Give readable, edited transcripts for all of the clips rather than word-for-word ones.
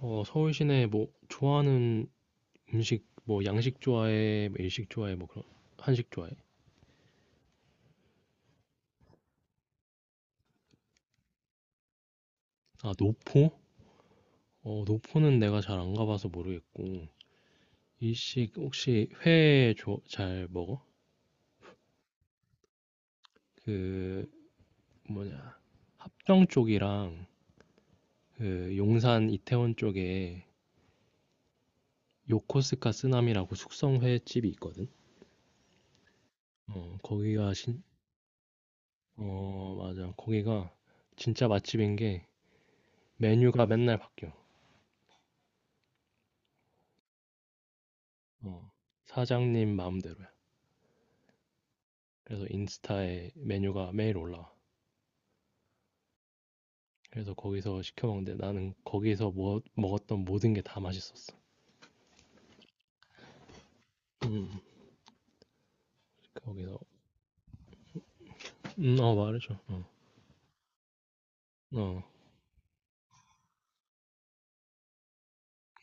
서울 시내 뭐 좋아하는 음식, 뭐 양식 좋아해, 뭐 일식 좋아해, 뭐 그런 한식 좋아해? 아, 노포? 노포는 내가 잘 안 가봐서 모르겠고 일식 혹시 회 잘 먹어? 그 뭐냐 합정 쪽이랑 그 용산 이태원 쪽에 요코스카 쓰나미라고 숙성 회집이 있거든. 어, 거기가 신, 어, 맞아. 거기가 진짜 맛집인 게 메뉴가 맨날 바뀌어. 어, 사장님 마음대로야. 그래서 인스타에 메뉴가 매일 올라와. 그래서 거기서 시켜 먹는데 나는 거기서 먹었던 모든 게 다 맛있었어. 음, 거기서. 말해줘. 어, 어,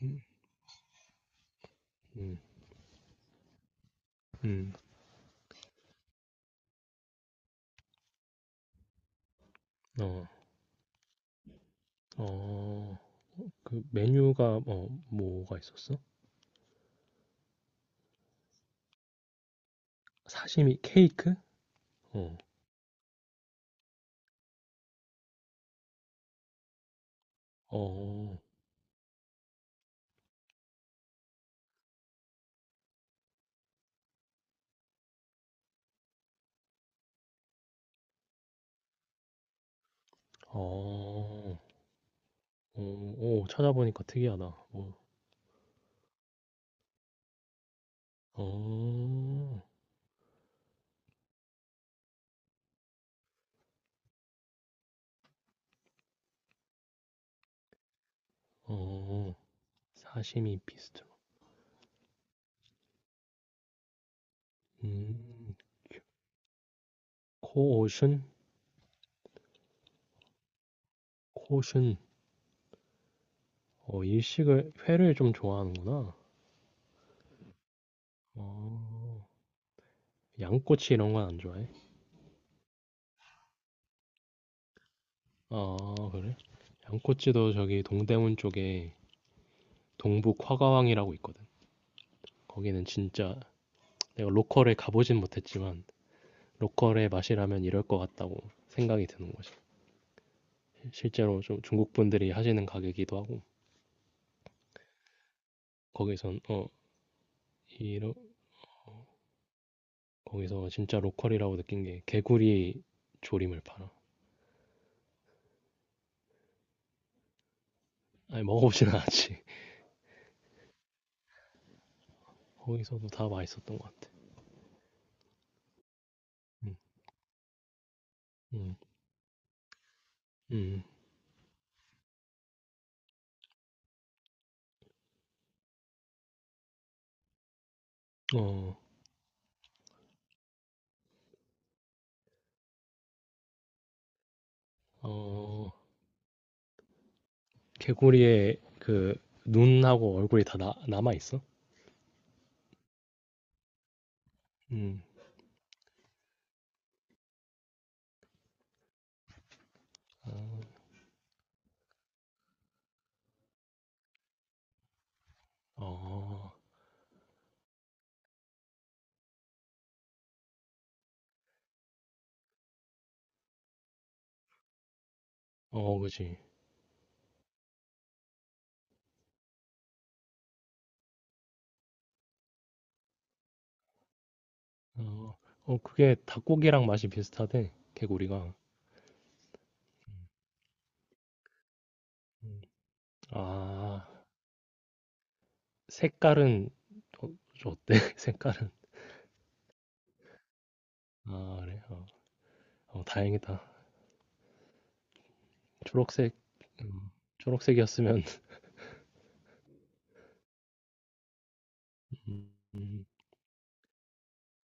음, 음, 음, 어, 어, 그 메뉴가 뭐가 있었어? 사시미 케이크? 어, 어, 어, 오, 오. 찾아보니까 특이하다. 어, 어, 어, 사시미 비스트로. 음, 코오슌, 코오슌. 어, 일식을 회를 좀 좋아하는구나. 어. 양꼬치 이런 건 안 좋아해? 아, 그래? 양꼬치도 저기 동대문 쪽에 동북 화가왕이라고 있거든. 거기는 진짜 내가 로컬에 가보진 못했지만 로컬의 맛이라면 이럴 것 같다고 생각이 드는 거지. 실제로 좀 중국 분들이 하시는 가게이기도 하고 거기선 어 이러 거기서 진짜 로컬이라고 느낀 게 개구리 조림을 팔아. 아니, 먹어보진 않았지. 거기서도 다 맛있었던 것 같아. 음, 음, 음. 어, 어, 개구리의 그 눈하고 얼굴이 다 남아있어? 음, 어, 어, 그지. 어, 어, 그게 닭고기랑 맛이 비슷하대, 개구리가. 음, 아, 색깔은, 어, 좀 어때? 색깔은. 아, 그래. 어, 어, 다행이다. 초록색, 음, 초록색이었으면. 음, 음.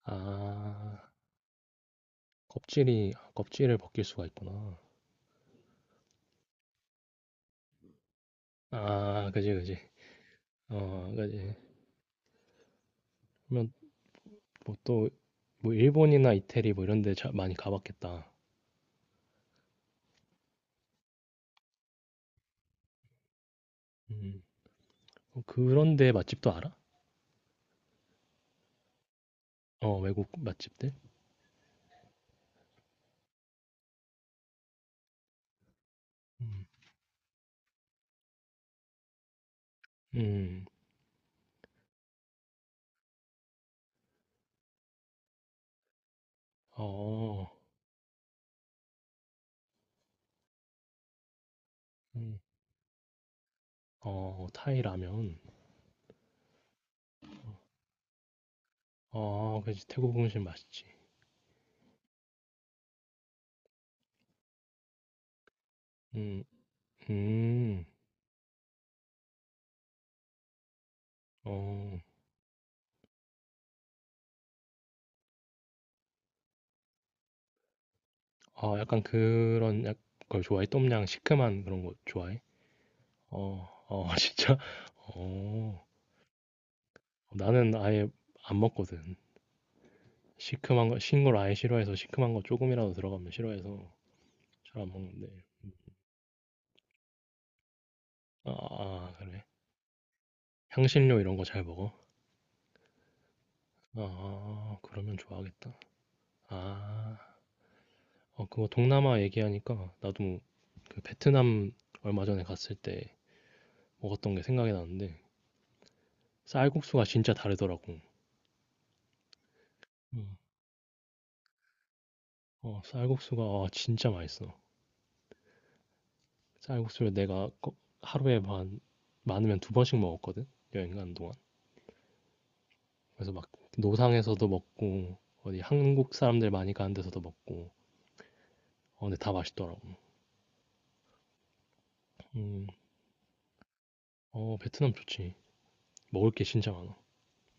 아, 껍질을 벗길 수가 있구나. 아, 그지, 그지. 어, 그지. 그러면 뭐 또, 뭐 일본이나 이태리 뭐 이런 데 많이 가봤겠다. 음. 어, 그런 데 맛집도 알아? 어, 외국 맛집들? 음. 음, 어, 음. 어, 타이 라면. 어, 그지. 태국 음식 맛있지. 음, 음, 어, 어, 약간 그런 걸 좋아해? 똠양 시큼한 그런 거 좋아해? 어, 어, 진짜? 어, 나는 아예 안 먹거든. 시큼한 거, 신걸 아예 싫어해서, 시큼한 거 조금이라도 들어가면 싫어해서 잘 안 먹는데. 아 아, 그래. 향신료 이런 거 잘 먹어? 아, 그러면 좋아하겠다. 아, 어, 그거 동남아 얘기하니까 나도 그 베트남 얼마 전에 갔을 때 먹었던 게 생각이 나는데 쌀국수가 진짜 다르더라고. 음. 어, 쌀국수가 진짜 맛있어. 쌀국수를 내가 하루에 반, 많으면 두 번씩 먹었거든. 여행 가는 동안. 그래서 막 노상에서도 먹고 어디 한국 사람들 많이 가는 데서도 먹고. 어, 근데 다 맛있더라고. 음. 어, 베트남 좋지. 먹을 게 진짜 많아.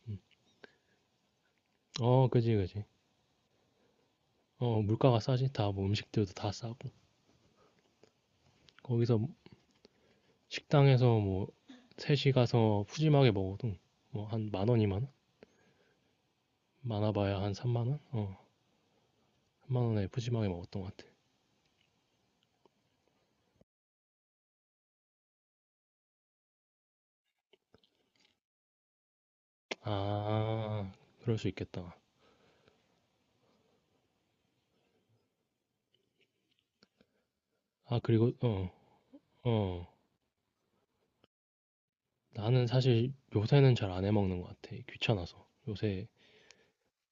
음. 어, 그지, 그지. 어, 물가가 싸지. 다 뭐 음식들도 다 싸고. 거기서 식당에서 뭐 셋이 가서 푸짐하게 먹어도 뭐 한 만 원, 이만 원? 많아봐야 한 3만 원? 어, 3만 원에 푸짐하게 먹었던 것 같아. 아, 그럴 수 있겠다. 아, 그리고 어, 어. 나는 사실 요새는 잘 안 해먹는 것 같아. 귀찮아서. 요새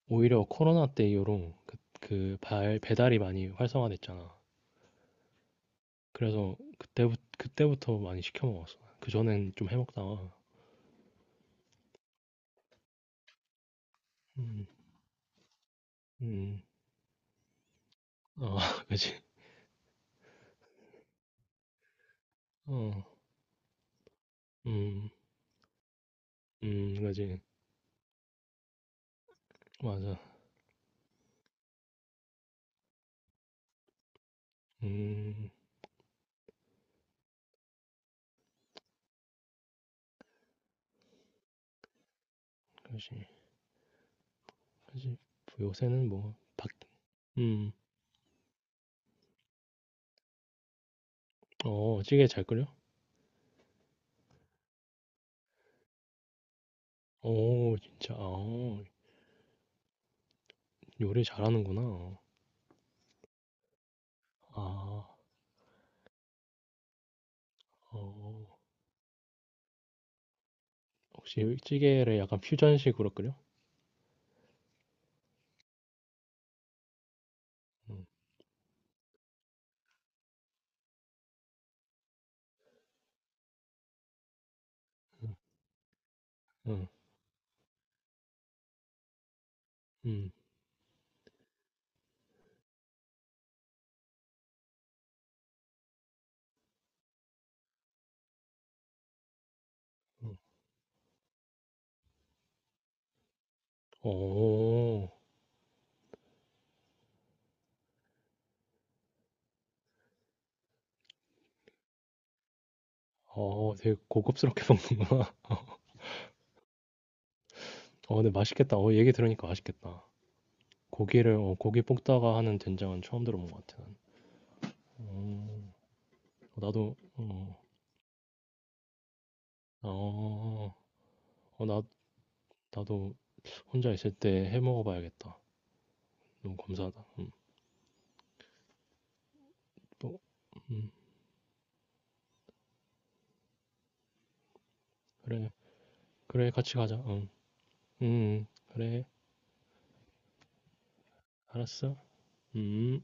오히려 코로나 때 이후로 발, 배달이 많이 활성화됐잖아. 그래서 그때부터 많이 시켜 먹었어. 그전엔 좀 해 먹다가. 음. 음. 어. 그치. 어. 음. 음, 그지. 맞아. 음. 그지. 그지. 요새는 뭐 밖. 음. 어, 찌개 잘 끓여? 어, 진짜? 어, 요리 잘하는구나. 아. 어. 혹시 찌개를 약간 퓨전식으로 끓여? 음. 음. 음. 음. 음. 어. 어, 되게 고급스럽게 먹는구나. 어, 근데 맛있겠다. 어, 얘기 들으니까 맛있겠다. 고기 볶다가 하는 된장은 처음 들어본 것 같아, 난. 음, 어, 나도, 어, 어, 어, 나도 혼자 있을 때 해 먹어봐야겠다. 너무 감사하다. 또, 음, 그래, 그래, 같이 가자. 응, 음, 음, 그래, 알았어. 음.